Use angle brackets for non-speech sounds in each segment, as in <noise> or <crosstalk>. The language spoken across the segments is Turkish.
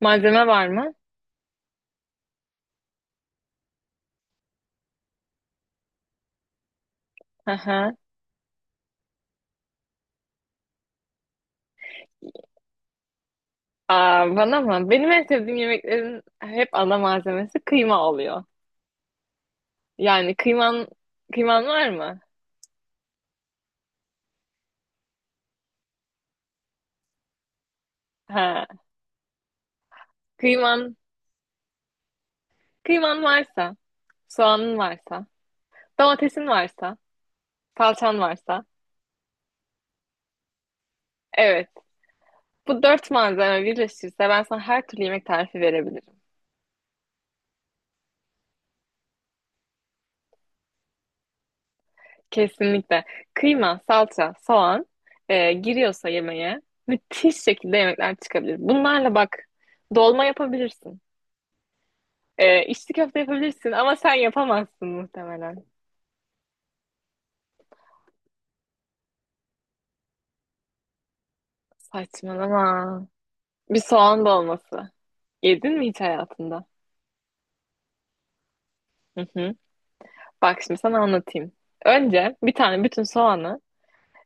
Malzeme var mı? Hı hı. Bana mı? Benim en sevdiğim yemeklerin hep ana malzemesi kıyma oluyor. Yani kıyman var mı? Ha. Kıyman kıyman varsa, soğanın varsa, domatesin varsa, salçan varsa. Evet. Bu dört malzeme birleşirse ben sana her türlü yemek tarifi verebilirim. Kesinlikle. Kıyma, salça, soğan giriyorsa yemeğe müthiş şekilde yemekler çıkabilir. Bunlarla bak dolma yapabilirsin. İçli köfte yapabilirsin ama sen yapamazsın muhtemelen. Saçmalama. Bir soğan dolması. Yedin mi hiç hayatında? Hı hı. Bak şimdi sana anlatayım. Önce bir tane bütün soğanı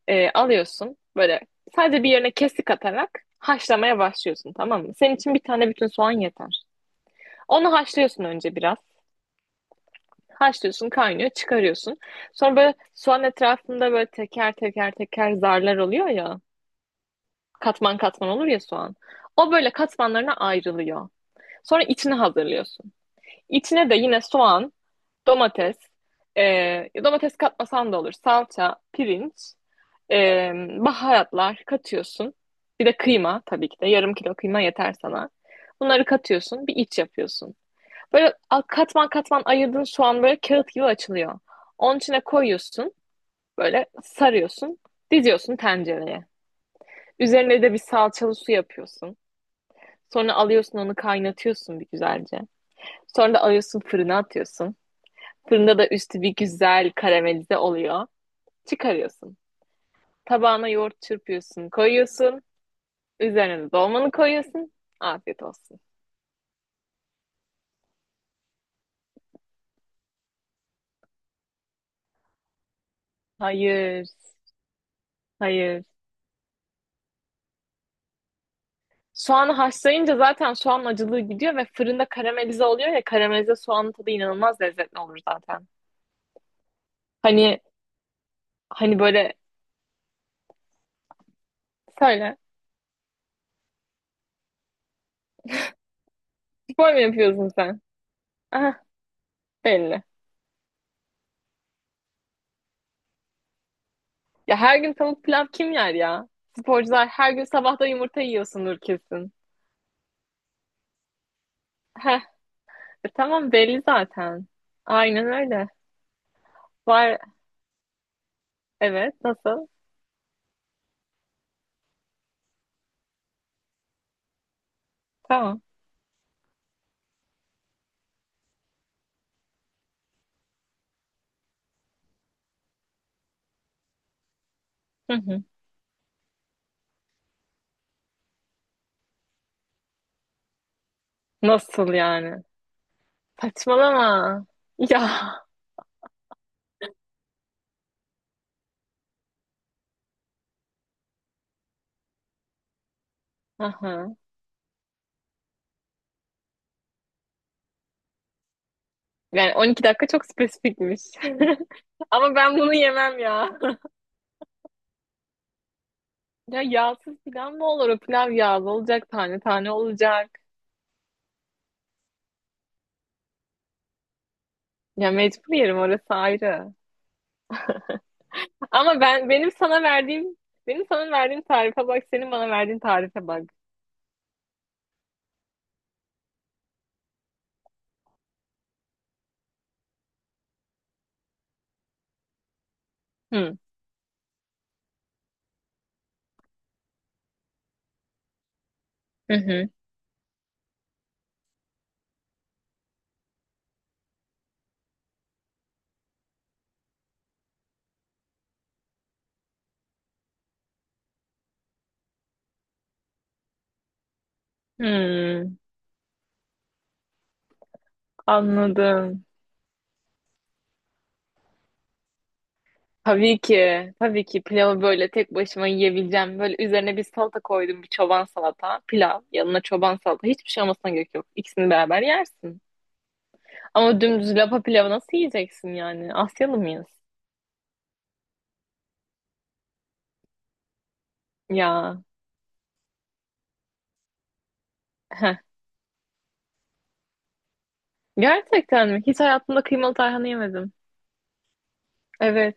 alıyorsun. Böyle sadece bir yerine kesik atarak haşlamaya başlıyorsun, tamam mı? Senin için bir tane bütün soğan yeter. Onu haşlıyorsun önce biraz. Haşlıyorsun, kaynıyor, çıkarıyorsun. Sonra böyle soğan etrafında böyle teker teker teker zarlar oluyor ya. Katman katman olur ya soğan. O böyle katmanlarına ayrılıyor. Sonra içini hazırlıyorsun. İçine de yine soğan, domates, domates katmasan da olur. Salça, pirinç, e, baharatlar katıyorsun. Bir de kıyma tabii ki de. Yarım kilo kıyma yeter sana. Bunları katıyorsun. Bir iç yapıyorsun. Böyle katman katman ayırdığın soğan böyle kağıt gibi açılıyor. Onun içine koyuyorsun. Böyle sarıyorsun. Diziyorsun tencereye. Üzerine de bir salçalı su yapıyorsun. Sonra alıyorsun onu kaynatıyorsun bir güzelce. Sonra da alıyorsun fırına atıyorsun. Fırında da üstü bir güzel karamelize oluyor. Çıkarıyorsun. Tabağına yoğurt çırpıyorsun, koyuyorsun. Üzerine de dolmanı koyuyorsun. Afiyet olsun. Hayır, hayır. Soğanı haşlayınca zaten soğan acılığı gidiyor ve fırında karamelize oluyor ya, karamelize soğanın tadı inanılmaz lezzetli olur zaten. Hani hani böyle söyle. Spor mu yapıyorsun sen? Aha, belli. Ya her gün tavuk pilav kim yer ya? Sporcular her gün sabahta yumurta yiyorsundur kesin. Heh, tamam belli zaten. Aynen öyle. Var, evet, nasıl? Tamam. Hı hı. Nasıl yani? Saçmalama. Ya. Aha. Yani 12 dakika çok spesifikmiş. <laughs> Ama ben bunu yemem ya. <laughs> Ya yağsız pilav mı olur? O pilav yağlı olacak, tane tane olacak. Ya mecbur yerim, orası ayrı. Ama benim sana verdiğim benim sana verdiğim tarife bak, senin bana verdiğin tarife bak. Hı hı hı. Hı. Anladım. Tabii ki. Tabii ki pilavı böyle tek başıma yiyebileceğim. Böyle üzerine bir salata koydum, bir çoban salata, pilav, yanına çoban salata. Hiçbir şey olmasına gerek yok. İkisini beraber yersin. Ama dümdüz lapa pilavı nasıl yiyeceksin yani? Asyalı mıyız? Ya. Heh. Gerçekten mi? Hiç hayatımda kıymalı tarhana yemedim. Evet.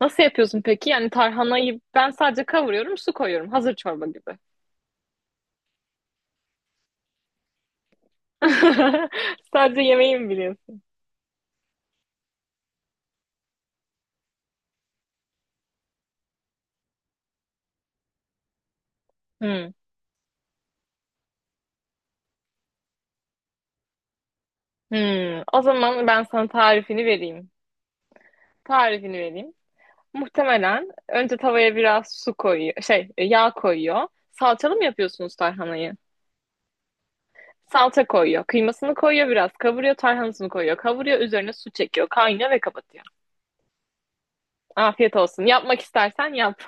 Nasıl yapıyorsun peki? Yani tarhanayı ben sadece kavuruyorum, su koyuyorum. Hazır çorba gibi. <laughs> Sadece yemeği mi biliyorsun? Hmm. Hmm. O zaman ben sana tarifini vereyim. Tarifini vereyim. Muhtemelen önce tavaya biraz su koyuyor, şey yağ koyuyor. Salçalı mı yapıyorsunuz tarhanayı? Salça koyuyor, kıymasını koyuyor biraz, kavuruyor, tarhanasını koyuyor, kavuruyor, üzerine su çekiyor, kaynıyor ve kapatıyor. Afiyet olsun. Yapmak istersen yap.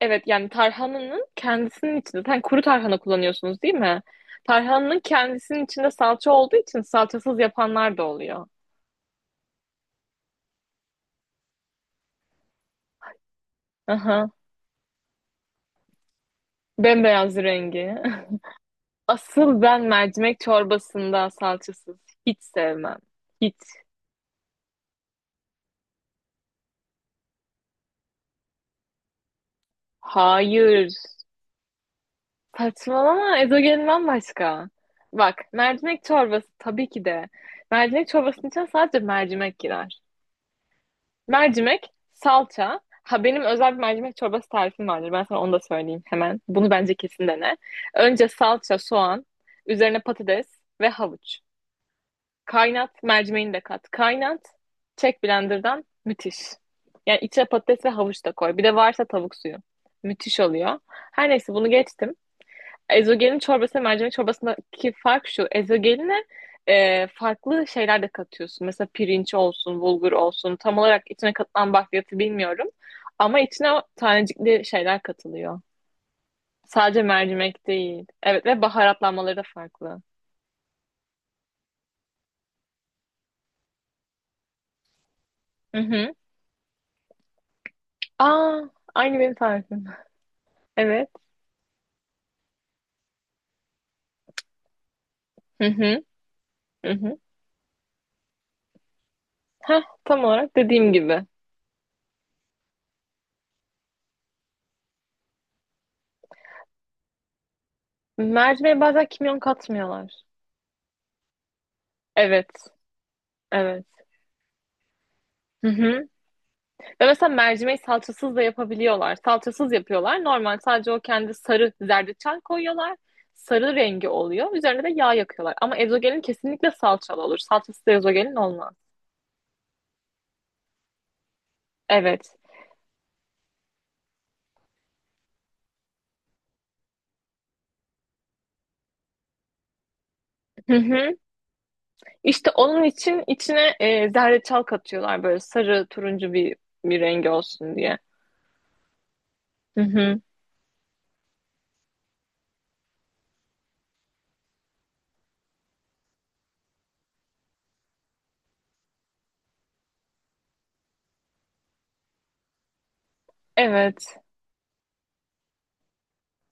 Evet, yani tarhananın kendisinin içinde sen kuru tarhana kullanıyorsunuz değil mi? Tarhananın kendisinin içinde salça olduğu için salçasız yapanlar da oluyor. Aha. Bembeyaz rengi. <laughs> Asıl ben mercimek çorbasında salçasız hiç sevmem. Hiç. Hayır. Saçmalama, ezogelin bambaşka. Bak mercimek çorbası tabii ki de. Mercimek çorbasının içine sadece mercimek girer. Mercimek, salça. Ha, benim özel bir mercimek çorbası tarifim vardır. Ben sana onu da söyleyeyim hemen. Bunu bence kesin dene. Önce salça, soğan, üzerine patates ve havuç. Kaynat, mercimeğini de kat. Kaynat, çek blenderdan. Müthiş. Yani içine patates ve havuç da koy. Bir de varsa tavuk suyu. Müthiş oluyor. Her neyse, bunu geçtim. Ezogelin çorbası ve mercimek çorbasındaki fark şu. Ezogeline farklı şeyler de katıyorsun. Mesela pirinç olsun, bulgur olsun. Tam olarak içine katılan bakliyatı bilmiyorum. Ama içine o tanecikli şeyler katılıyor. Sadece mercimek değil. Evet ve baharatlanmaları da farklı. Hı hı. Aa, Aynı benim tarifim. <laughs> Evet. Hı hı. Hı hı. Heh, tam olarak dediğim gibi. Mercimeğe bazen kimyon katmıyorlar. Evet. Evet. Hı hı. Ve mesela mercimeği salçasız da yapabiliyorlar. Salçasız yapıyorlar. Normal sadece o kendi sarı zerdeçal koyuyorlar. Sarı rengi oluyor. Üzerine de yağ yakıyorlar. Ama ezogelin kesinlikle salçalı olur. Salçası da ezogelin olmaz. Evet. Hı hı. İşte onun için içine zerdeçal katıyorlar böyle sarı turuncu bir bir rengi olsun diye. Hı hı. Evet.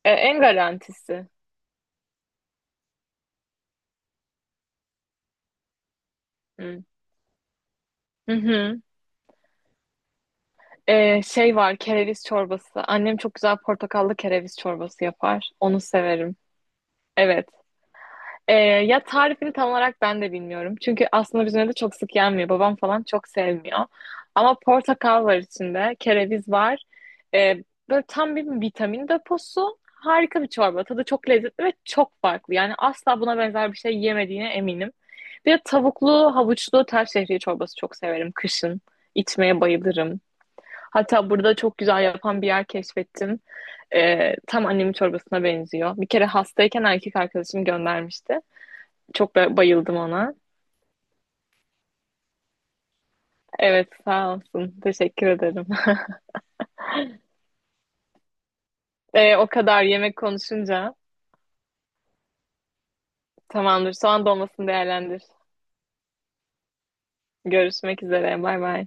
En garantisi. Hı. Hı hı. Şey var, kereviz çorbası. Annem çok güzel portakallı kereviz çorbası yapar. Onu severim. Evet. Ya tarifini tam olarak ben de bilmiyorum. Çünkü aslında bizim evde çok sık yenmiyor. Babam falan çok sevmiyor. Ama portakal var içinde, kereviz var. Ee, Böyle tam bir vitamin deposu. Harika bir çorba. Tadı çok lezzetli ve çok farklı. Yani asla buna benzer bir şey yemediğine eminim. Bir de tavuklu, havuçlu tel şehriye çorbası çok severim kışın. İçmeye bayılırım. Hatta burada çok güzel yapan bir yer keşfettim. Tam annemin çorbasına benziyor. Bir kere hastayken erkek arkadaşım göndermişti. Çok bayıldım ona. Evet, sağ olsun. Teşekkür ederim. <laughs> O kadar yemek konuşunca tamamdır. Soğan dolmasını değerlendir. Görüşmek üzere. Bay bay.